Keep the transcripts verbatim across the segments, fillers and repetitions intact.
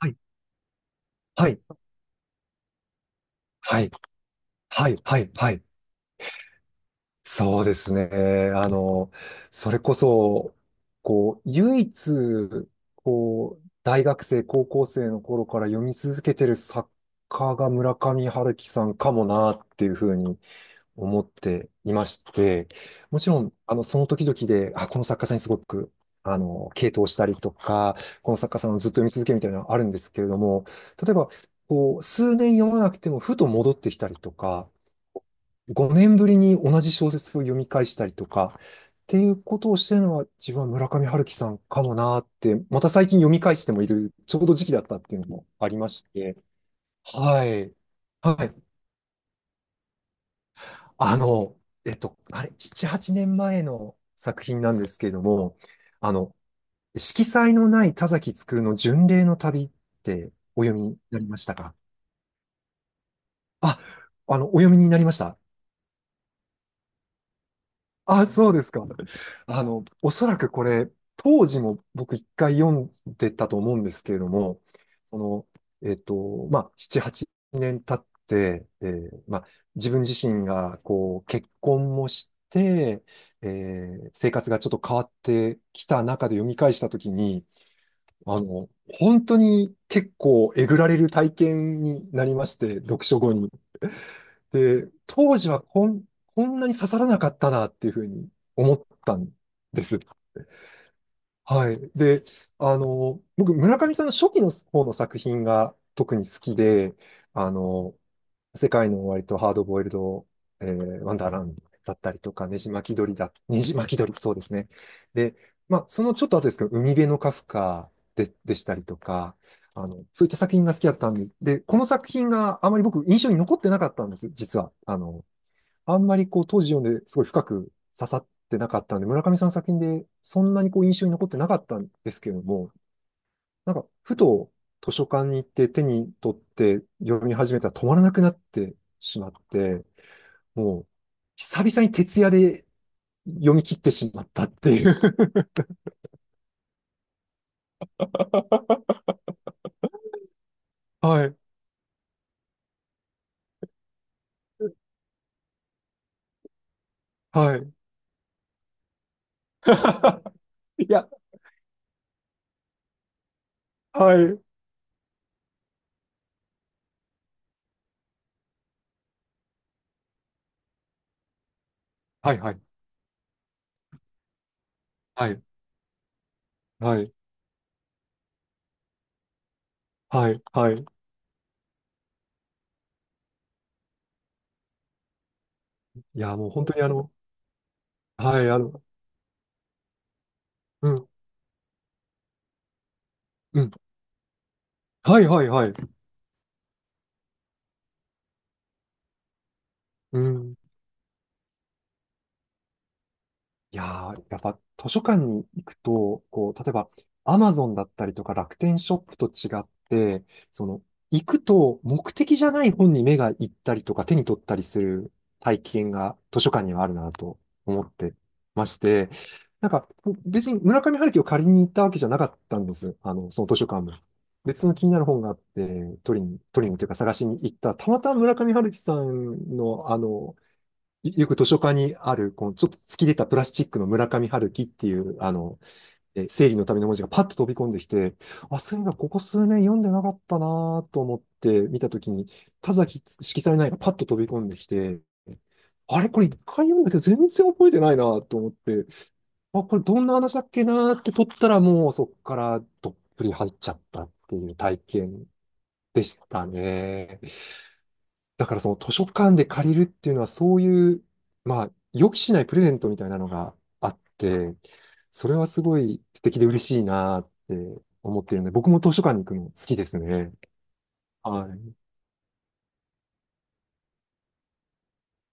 はい、はい、はい、はい、はい、はい。そうですね。あの、それこそ、こう、唯一、こう、大学生、高校生の頃から読み続けてる作家が村上春樹さんかもなっていうふうに思っていまして、もちろん、あの、その時々で、あ、この作家さんにすごく、あの、傾倒したりとか、この作家さんをずっと読み続けるみたいなのはあるんですけれども、例えば、こう、数年読まなくても、ふと戻ってきたりとか、ごねんぶりに同じ小説を読み返したりとか、っていうことをしてるのは自分は村上春樹さんかもなーって、また最近読み返してもいる、ちょうど時期だったっていうのもありまして、はい。はい。あの、えっと、あれ、なな、はちねんまえの作品なんですけれども、あの、色彩のない田崎つの巡礼の旅ってお読みになりましたか？あ、あの、お読みになりました。あ、そうですか。あの、おそらくこれ、当時も僕一回読んでたと思うんですけれども、この、えっと、まあ、なな、はちねん経って、えーまあ、自分自身が、こう、結婚もして、えー生活がちょっと変わってきた中で読み返したときに、あの、本当に結構えぐられる体験になりまして、読書後に。で、当時はこん、こんなに刺さらなかったなっていうふうに思ったんです。はい。で、あの、僕、村上さんの初期の方の作品が特に好きで、あの、世界の終わりとハードボイルド、えーワンダーランドだったりとか、ねじ巻き鳥だ、ねじ巻き鳥、そうですね。で、まあ、そのちょっと後ですけど、海辺のカフカで、でしたりとか、あの、そういった作品が好きだったんです。で、この作品があまり僕、印象に残ってなかったんです、実は。あの、あんまりこう当時読んですごい深く刺さってなかったんで、村上さんの作品でそんなにこう印象に残ってなかったんですけれども、なんかふと図書館に行って手に取って読み始めたら止まらなくなってしまって、もう久々に徹夜で読み切ってしまったっていう。はい、はい。いや、はい。はい、はい、はい、はい、はい、はい。いや、もう本当にあの、はい、あの、うん、うん。はい、はい、はい。うん。いやー、やっぱ図書館に行くと、こう、例えば、アマゾンだったりとか楽天ショップと違って、その、行くと目的じゃない本に目が行ったりとか手に取ったりする体験が図書館にはあるなと思ってまして、なんか、別に村上春樹を借りに行ったわけじゃなかったんです。あの、その図書館も。別の気になる本があって、取りに、取りにというか探しに行ったら、たまたま村上春樹さんの、あの、よく図書館にある、このちょっと突き出たプラスチックの村上春樹っていう、あの、えー生理のための文字がパッと飛び込んできて、あ、そういえばここ数年読んでなかったなと思って見たときに、田崎色彩ないがパッと飛び込んできて、あれこれ一回読んだけど全然覚えてないなと思って、あ、これどんな話だっけなって取ったらもうそっからどっぷり入っちゃったっていう体験でしたね。だからその図書館で借りるっていうのはそういう、まあ、予期しないプレゼントみたいなのがあって、それはすごい素敵で嬉しいなって思ってるので、僕も図書館に行くの好きですね。は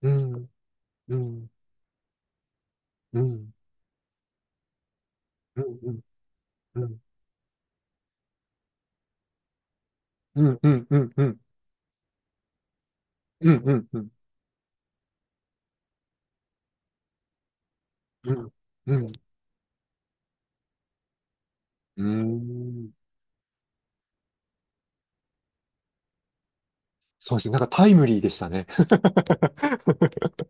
い。うん、うん、うん、うん、うん、うん、うん、うん、うん、うん、うん、うん、うん、うん、うん、うん。そうですね。なんかタイムリーでしたね。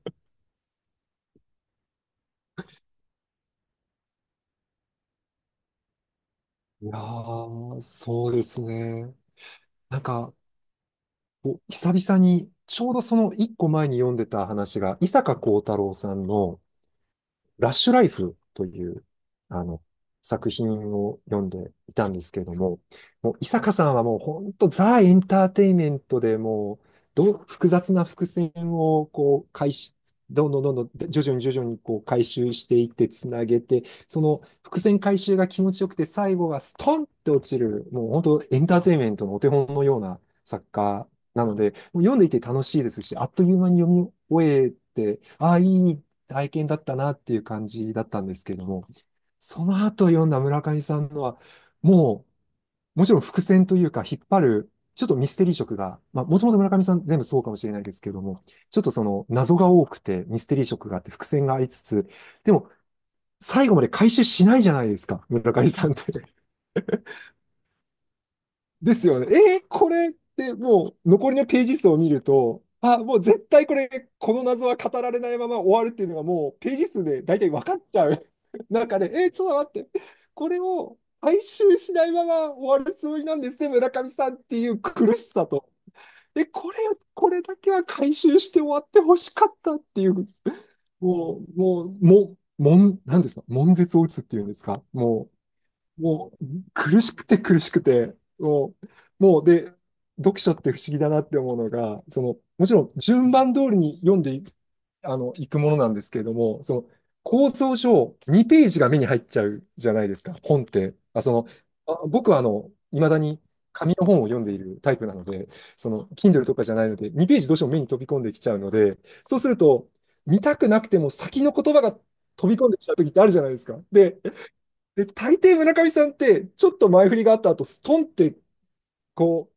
いやー、そうですね。なんか、お、久々に、ちょうどそのいっこまえに読んでた話が、伊坂幸太郎さんの、ラッシュライフという、あの、作品を読んでいたんですけれども、もう、伊坂さんはもう本当ザ・エンターテインメントでもう、どう、複雑な伏線をこう、回収、どんどんどんどん、徐々に徐々にこう回収していって、つなげて、その伏線回収が気持ちよくて、最後がストンって落ちる、もう本当エンターテインメントのお手本のような作家なので、もう読んでいて楽しいですし、あっという間に読み終えて、ああ、いい体験だったなっていう感じだったんですけれども、その後読んだ村上さんのは、もう、もちろん伏線というか、引っ張る、ちょっとミステリー色が、まあ、もともと村上さん全部そうかもしれないですけれども、ちょっとその謎が多くて、ミステリー色があって、伏線がありつつ、でも、最後まで回収しないじゃないですか、村上さんって。ですよね。えーこれってもう残りのページ数を見ると、あ、もう絶対これ、この謎は語られないまま終わるっていうのがもうページ数で大体分かっちゃう 中で、えーちょっと待って、これを回収しないまま終わるつもりなんですね、村上さんっていう苦しさと。え、これ、これだけは回収して終わってほしかったっていう、もう、もう、もう、もん、なんですか、悶絶を打つっていうんですか、もう。もう苦しくて苦しくて、もう、もうで、読書って不思議だなって思うのが、その、もちろん順番通りに読んでい、あの、いくものなんですけれども、その、構造上にページページが目に入っちゃうじゃないですか、本って。あ、その、あ、僕はあの、いまだに紙の本を読んでいるタイプなので、その、Kindle とかじゃないので、にページページどうしても目に飛び込んできちゃうので、そうすると、見たくなくても先の言葉が飛び込んできちゃう時ってあるじゃないですか。で、で、大抵村上さんって、ちょっと前振りがあった後、ストンって、こ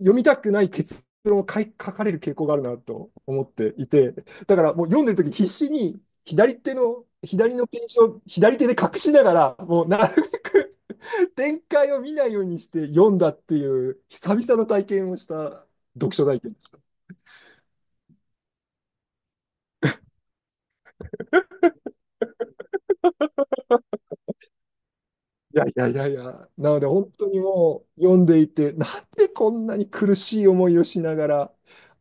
う、読みたくない結論を書い書かれる傾向があるなと思っていて、だからもう読んでる時必死に左手の、左のページを左手で隠しながら、もうなるべく展開を見ないようにして読んだっていう、久々の体験をした読書体験でした。いやいやいやいや、なので本当にもう読んでいて、なんでこんなに苦しい思いをしながら、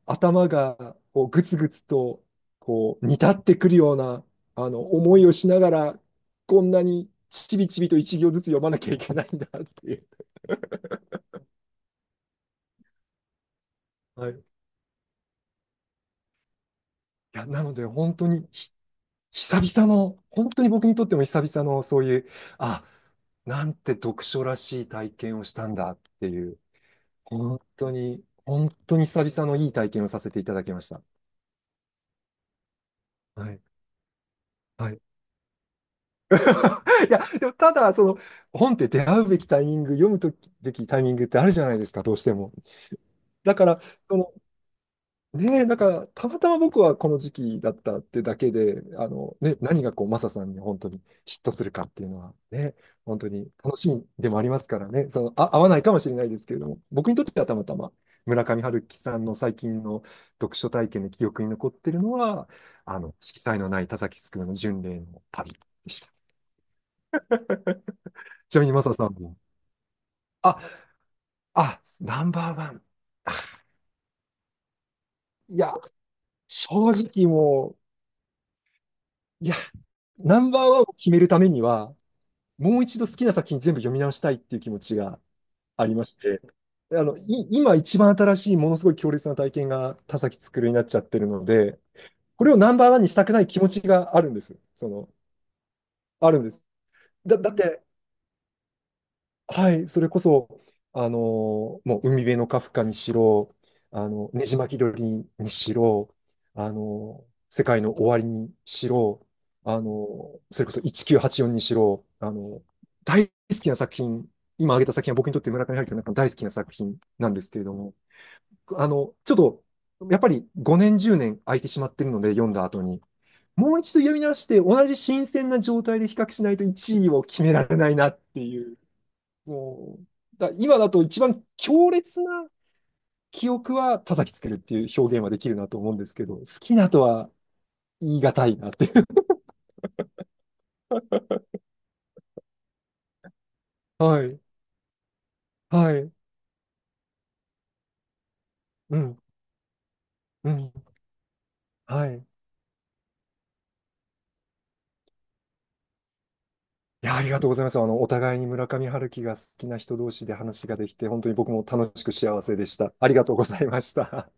頭がこうグツグツとこう煮立ってくるようなあの思いをしながら、こんなにちびちびといちぎょうずつ読まなきゃいけないんだっていう。はい、いやなので本当にひ久々の、本当に僕にとっても久々のそういう、あ、なんて読書らしい体験をしたんだっていう。本当に、本当に久々のいい体験をさせていただきました。はい。はい。いや、でもただ、その、本って出会うべきタイミング、読むときべきタイミングってあるじゃないですか、どうしても。だから、そねえ、だから、たまたま僕はこの時期だったってだけで、あの、ね、何がこう、マサさんに本当にヒットするかっていうのはね、本当に楽しみでもありますからね、その、あ、合わないかもしれないですけれども、僕にとってはたまたま村上春樹さんの最近の読書体験で記憶に残ってるのは、あの、色彩のない田崎すくめの巡礼の旅でした。ちなみにマサさんも、あ、あ、ナンバーワン。いや、正直もう、いや、ナンバーワンを決めるためには、もう一度好きな作品全部読み直したいっていう気持ちがありまして、あの、い、今一番新しいものすごい強烈な体験が田崎つくるになっちゃってるので、これをナンバーワンにしたくない気持ちがあるんです。その、あるんです。だ、だって、はい、それこそ、あのーもう海辺のカフカにしろ、あの、ねじ巻き鳥にしろ、あのー世界の終わりにしろ、あのーそれこそいちきゅうはちよんにしろ、あのー大好きな作品、今挙げた作品は僕にとって村上春樹の中の大好きな作品なんですけれども、あの、ちょっと、やっぱりごねん、じゅうねん空いてしまってるので、読んだ後に、もう一度読み直して、同じ新鮮な状態で比較しないといちいを決められないなっていう。もう、だ今だと一番強烈な記憶は田崎つけるっていう表現はできるなと思うんですけど、好きなとは言い難いなっていう。はい。はい。うん。うん。はい。いや、ありがとうございます。あの、お互いに村上春樹が好きな人同士で話ができて、本当に僕も楽しく幸せでした。ありがとうございました。